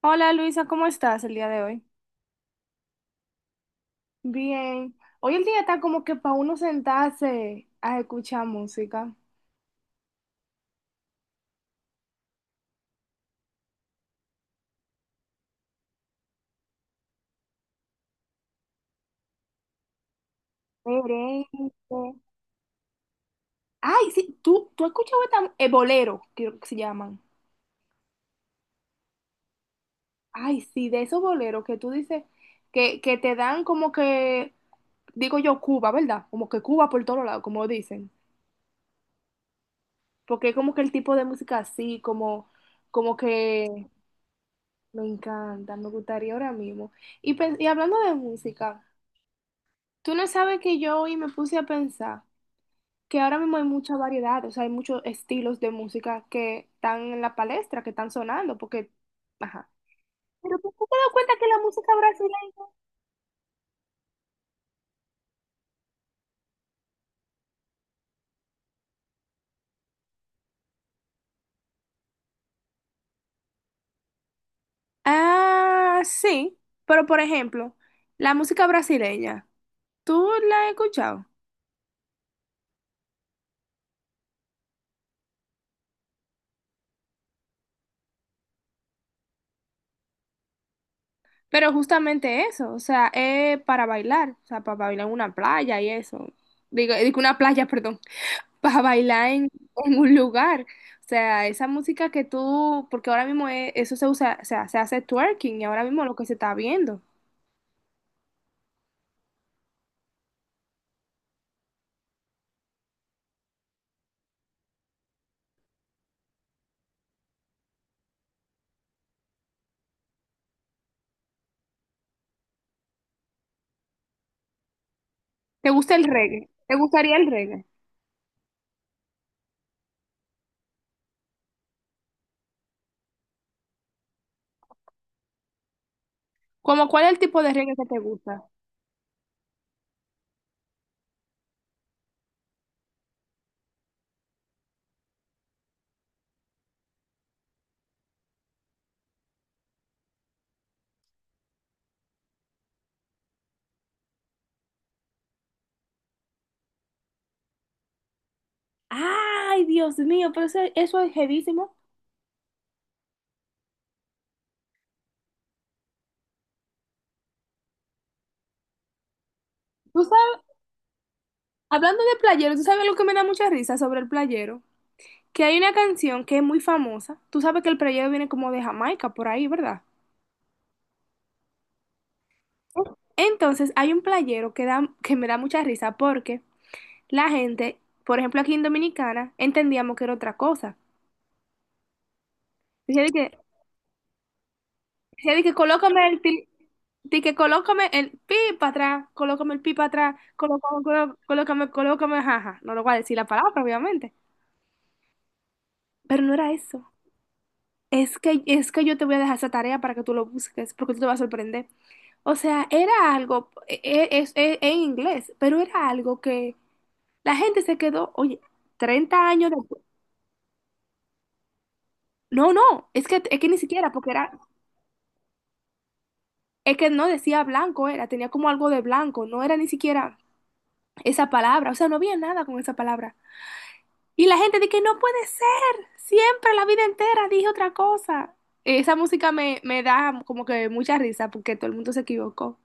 Hola Luisa, ¿cómo estás el día de hoy? Bien, hoy el día está como que para uno sentarse a escuchar música. Merengue. Ay, sí, tú has escuchado esta, bolero, creo que se llaman. Ay, sí, de esos boleros que tú dices que te dan como que, digo yo, Cuba, ¿verdad? Como que Cuba por todos lados, como dicen. Porque es como que el tipo de música así, como, como que me encanta, me gustaría ahora mismo. Y, y hablando de música. Tú no sabes que yo hoy me puse a pensar que ahora mismo hay mucha variedad, o sea, hay muchos estilos de música que están en la palestra, que están sonando, porque, ajá. Pero tú te das cuenta que la música brasileña... Ah, sí, pero por ejemplo, la música brasileña, ¿tú la has escuchado? Pero justamente eso, o sea, es para bailar, o sea, para bailar en una playa y eso. Digo, digo una playa, perdón. Para bailar en un lugar. O sea, esa música que tú, porque ahora mismo eso se usa, o sea, se hace twerking y ahora mismo lo que se está viendo. ¿Te gusta el reggae? ¿Te gustaría el reggae? ¿Cómo cuál es el tipo de reggae que te gusta? Ay, Dios mío, pero eso es heavísimo. Tú sabes, hablando de playero, tú sabes lo que me da mucha risa sobre el playero, que hay una canción que es muy famosa. Tú sabes que el playero viene como de Jamaica, por ahí, ¿verdad? Entonces hay un playero que da, que me da mucha risa porque la gente, por ejemplo, aquí en Dominicana, entendíamos que era otra cosa. Decía de que, decía de que colócame el de que colócame el pi para atrás, colócame el pi para atrás, colócame, colócame, colócame, jaja. No lo voy a decir la palabra, obviamente. Pero no era eso. Es que yo te voy a dejar esa tarea para que tú lo busques, porque tú te vas a sorprender. O sea, era algo, es en inglés, pero era algo que la gente se quedó, oye, 30 años después. No, no, es que ni siquiera, porque era, es que no decía blanco, era, tenía como algo de blanco, no era ni siquiera esa palabra, o sea, no había nada con esa palabra. Y la gente de que no puede ser, siempre la vida entera dije otra cosa. Esa música me, me da como que mucha risa porque todo el mundo se equivocó.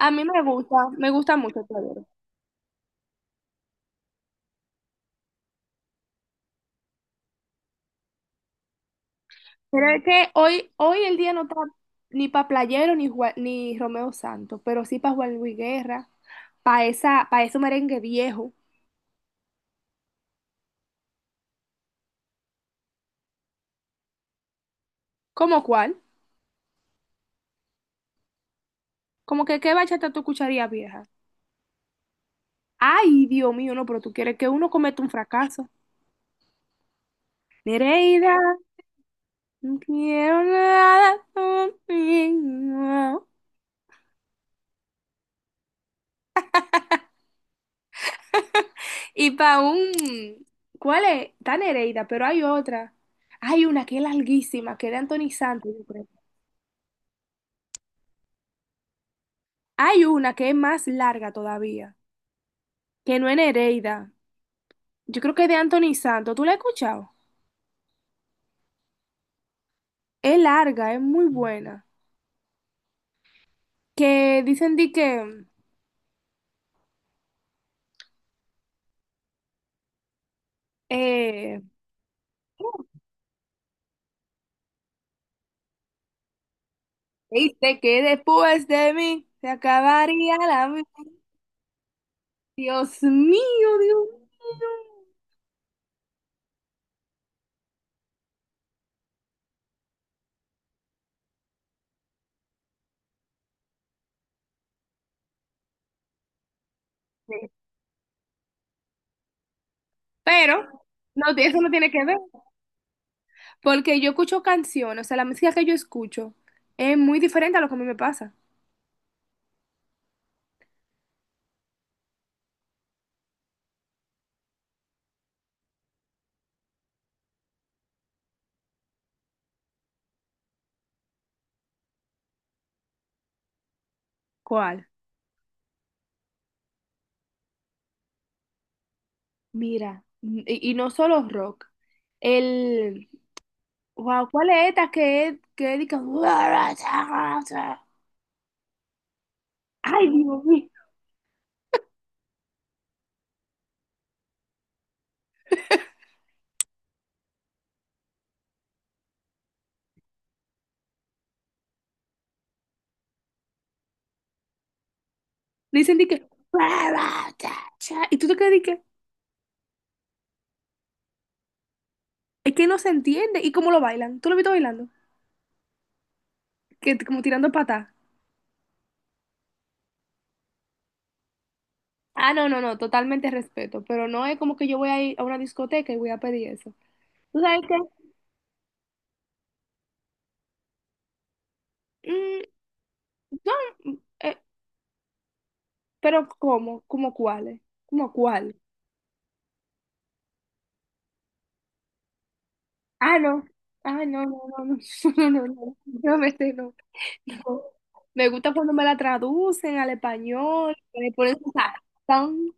A mí me gusta mucho Teodoro. Pero es que hoy, hoy el día no está ni para Playero ni, ni Romeo Santos, pero sí para Juan Luis Guerra, para esa, para ese merengue viejo. ¿Cómo cuál? Como que qué bachata tú escucharías vieja. Ay, Dios mío, no, pero tú quieres que uno cometa un fracaso. Nereida, no quiero nada contigo. Y para un... ¿Cuál es? Está Nereida, pero hay otra. Hay una que es larguísima, que es de Anthony Santos, yo creo. Hay una que es más larga todavía, que no es Nereida. Yo creo que es de Anthony Santos. ¿Tú la has escuchado? Es larga, es muy buena. Que dicen di que... Eh, dice que después de mí se acabaría la vida. Dios mío, Dios mío. Pero no, eso no tiene que ver, porque yo escucho canciones, o sea, la música que yo escucho es muy diferente a lo que a mí me pasa. ¿Cuál? Mira, y no solo rock. El, wow, ¿cuál es esta que es ay, Dios mío. Dicen de que, y tú te quedas de que, es que no se entiende, y cómo lo bailan, tú lo viste bailando, que como tirando patas. Ah, no, no, no, totalmente respeto, pero no es como que yo voy a ir a una discoteca y voy a pedir eso. ¿Tú sabes qué? Mm, no, mm, eh, pero ¿cómo? ¿Cómo cuáles? ¿Cómo cuál? Ah, no. Ah, no, no, no, no, no, no, no, no, vete, no, no. Me gusta cuando me la traducen al español, que le ponen su sazón,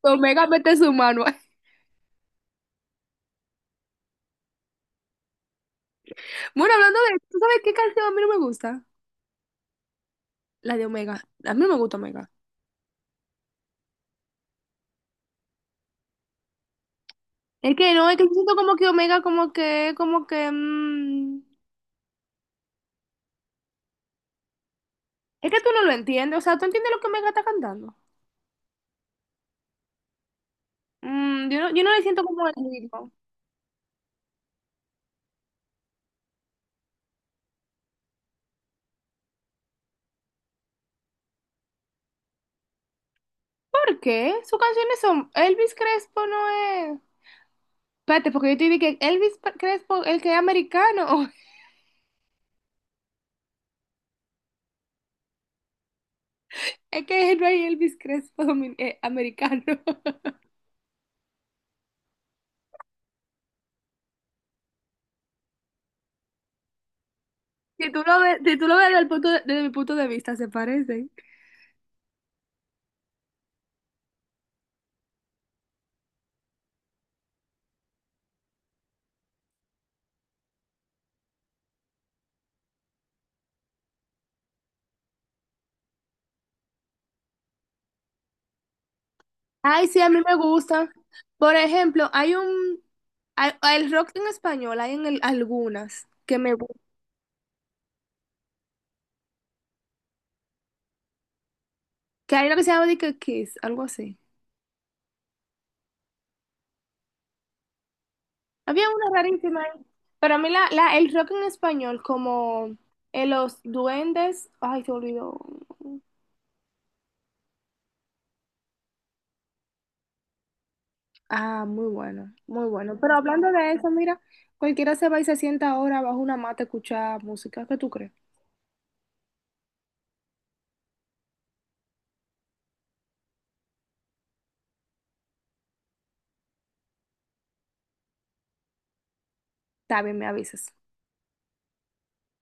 cuando Omega mete su mano. Bueno, hablando de, ¿tú sabes qué canción a mí no me gusta? La de Omega. A mí no me gusta Omega. Es que no, es que siento como que Omega como que, mm, es que tú no lo entiendes, o sea, ¿tú entiendes lo que Omega está cantando? Mm, yo no, yo no le siento como el ritmo. ¿Por qué? Sus canciones son Elvis Crespo no es. Espérate, porque yo te dije que Elvis Crespo, el que es americano, es que no hay Elvis Crespo americano. Si tú lo ves, si tú lo ves desde el desde mi punto de vista, se parecen. Ay, sí, a mí me gusta. Por ejemplo, hay un el rock en español, hay en algunas que me gustan. Que hay una que se llama de que Kiss, algo así. Había una rarísima ahí. Pero a mí la, la, el rock en español, como los duendes, ay, se olvidó. Ah, muy bueno, muy bueno. Pero hablando de eso, mira, cualquiera se va y se sienta ahora bajo una mata a escuchar música. ¿Qué tú crees? Está bien, me avisas.